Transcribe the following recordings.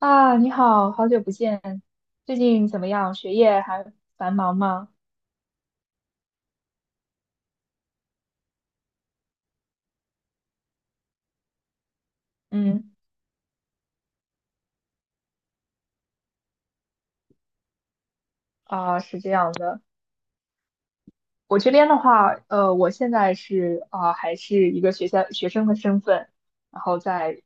啊，你好，好久不见，最近怎么样？学业还繁忙吗？嗯。啊，是这样的，我这边的话，我现在是啊，还是一个学校学生的身份，然后在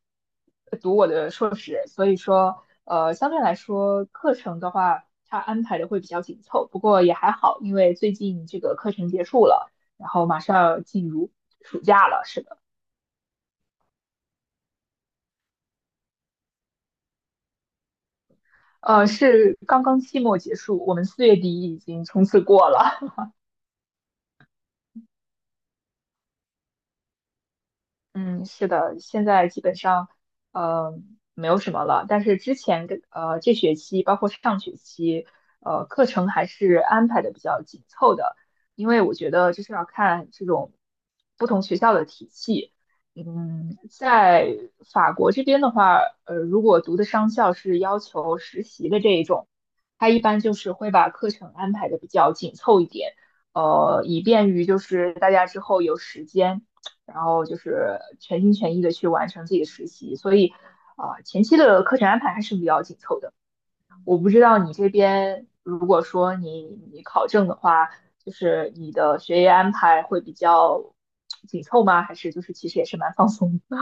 读我的硕士。所以说，相对来说，课程的话，它安排的会比较紧凑，不过也还好，因为最近这个课程结束了，然后马上要进入暑假了，是的。是刚刚期末结束，我们四月底已经冲刺过了。嗯，是的，现在基本上，呃，没有什么了。但是之前这学期，包括上学期，课程还是安排的比较紧凑的，因为我觉得就是要看这种不同学校的体系。嗯，在法国这边的话，如果读的商校是要求实习的这一种，它一般就是会把课程安排的比较紧凑一点，以便于就是大家之后有时间。然后就是全心全意的去完成自己的实习，所以前期的课程安排还是比较紧凑的。我不知道你这边如果说你考证的话，就是你的学业安排会比较紧凑吗？还是就是其实也是蛮放松的？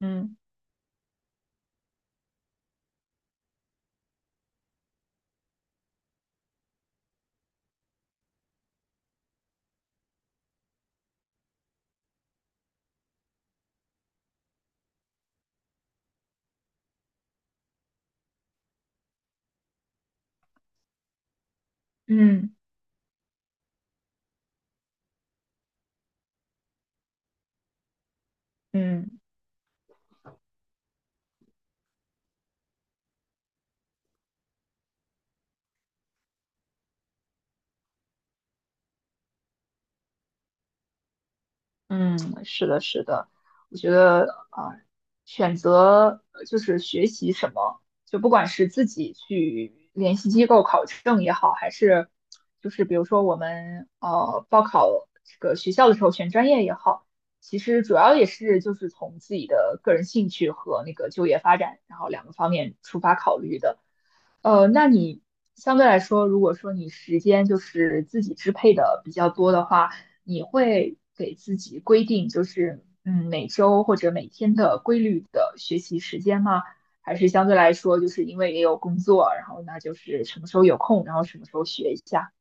嗯嗯嗯。嗯，是的，是的，我觉得啊，选择就是学习什么，就不管是自己去联系机构考证也好，还是就是比如说我们报考这个学校的时候选专业也好，其实主要也是就是从自己的个人兴趣和那个就业发展，然后两个方面出发考虑的。那你相对来说，如果说你时间就是自己支配的比较多的话，你会给自己规定就是每周或者每天的规律的学习时间吗？还是相对来说，就是因为也有工作，然后那就是什么时候有空，然后什么时候学一下？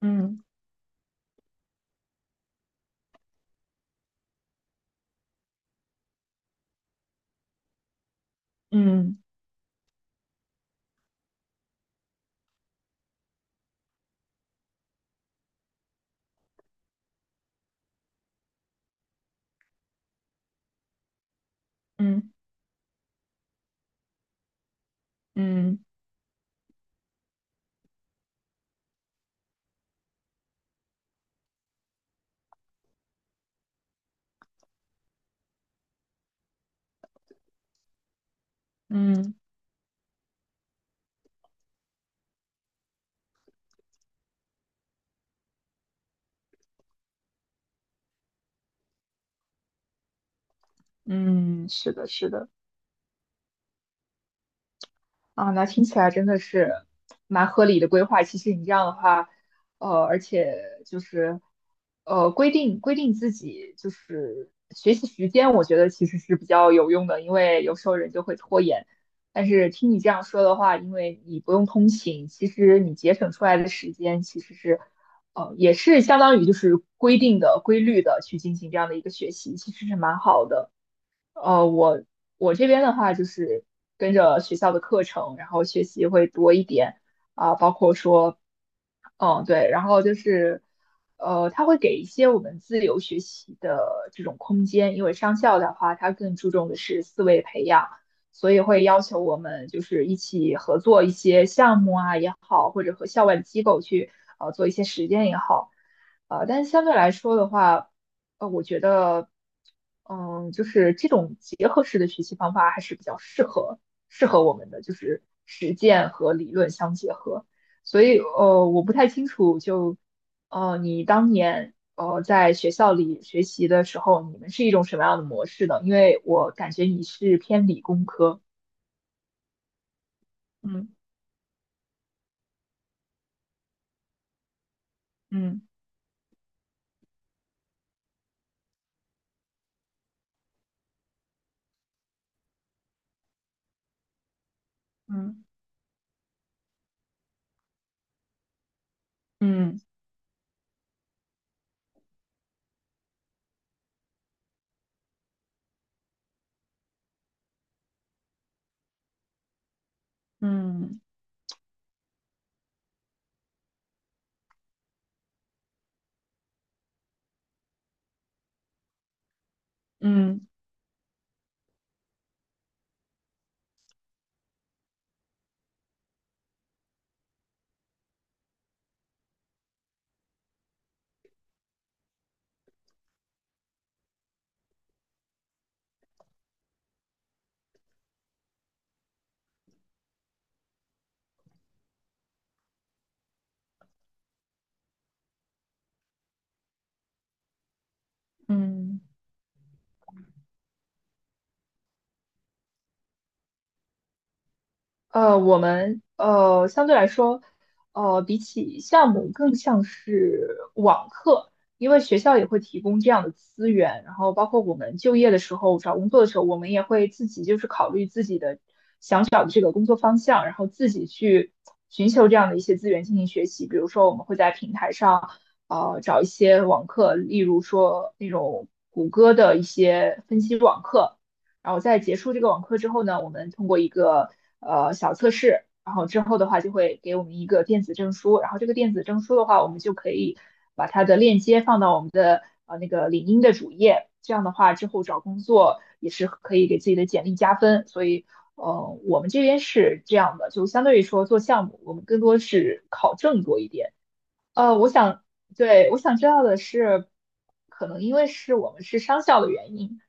嗯嗯嗯嗯嗯嗯，是的，是的。啊，那听起来真的是蛮合理的规划。其实你这样的话，而且就是规定自己就是学习时间，我觉得其实是比较有用的，因为有时候人就会拖延。但是听你这样说的话，因为你不用通勤，其实你节省出来的时间其实是，也是相当于就是规定的、规律的去进行这样的一个学习，其实是蛮好的。呃，我我这边的话就是跟着学校的课程，然后学习会多一点啊，包括说，嗯，对，然后就是，他会给一些我们自由学习的这种空间，因为商校的话，它更注重的是思维培养，所以会要求我们就是一起合作一些项目啊也好，或者和校外的机构去做一些实践也好。但是相对来说的话，我觉得，嗯，就是这种结合式的学习方法还是比较适合我们的，就是实践和理论相结合。所以，我不太清楚就，你当年在学校里学习的时候，你们是一种什么样的模式呢？因为我感觉你是偏理工科。嗯嗯嗯嗯嗯嗯嗯。我们相对来说，比起项目更像是网课，因为学校也会提供这样的资源，然后包括我们就业的时候、找工作的时候，我们也会自己就是考虑自己的想找的这个工作方向，然后自己去寻求这样的一些资源进行学习。比如说，我们会在平台上找一些网课，例如说那种谷歌的一些分析网课。然后在结束这个网课之后呢，我们通过一个小测试，然后之后的话就会给我们一个电子证书，然后这个电子证书的话，我们就可以把它的链接放到我们的那个领英的主页，这样的话之后找工作也是可以给自己的简历加分。所以我们这边是这样的，就相对于说做项目，我们更多是考证多一点。我想，对，我想知道的是，可能因为是我们是商校的原因，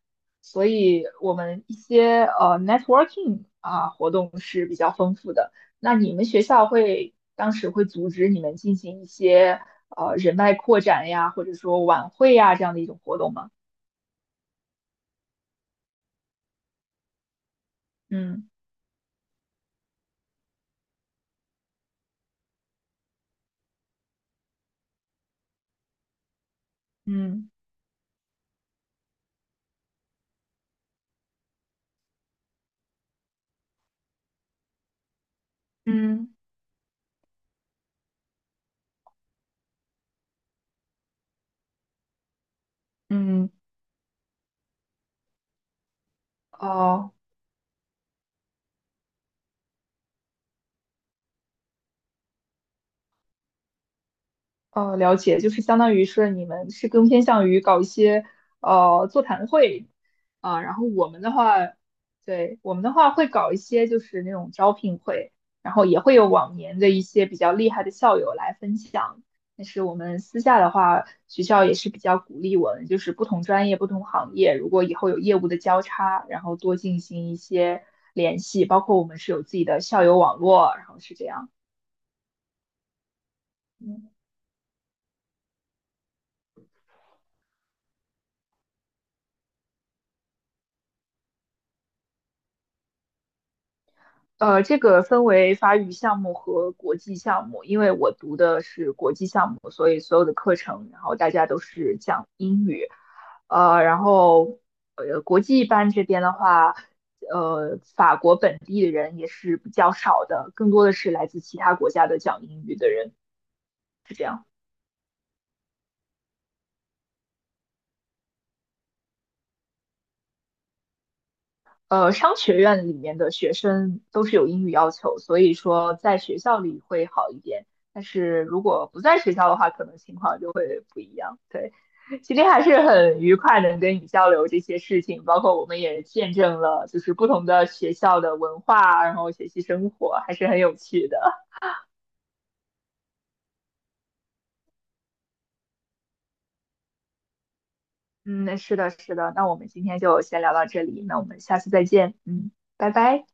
所以我们一些networking 啊活动是比较丰富的。那你们学校会当时会组织你们进行一些人脉扩展呀，或者说晚会呀这样的一种活动吗？嗯嗯嗯嗯。哦、了解，就是相当于是你们是更偏向于搞一些座谈会啊，然后我们的话，对，我们的话会搞一些就是那种招聘会，然后也会有往年的一些比较厉害的校友来分享。但是我们私下的话，学校也是比较鼓励我们，就是不同专业、不同行业，如果以后有业务的交叉，然后多进行一些联系，包括我们是有自己的校友网络，然后是这样。嗯。这个分为法语项目和国际项目，因为我读的是国际项目，所以所有的课程，然后大家都是讲英语。然后国际班这边的话，法国本地的人也是比较少的，更多的是来自其他国家的讲英语的人，是这样。商学院里面的学生都是有英语要求，所以说在学校里会好一点。但是如果不在学校的话，可能情况就会不一样。对，今天还是很愉快能跟你交流这些事情，包括我们也见证了就是不同的学校的文化，然后学习生活，还是很有趣的。嗯，是的，是的。那我们今天就先聊到这里，那我们下次再见。嗯，拜拜。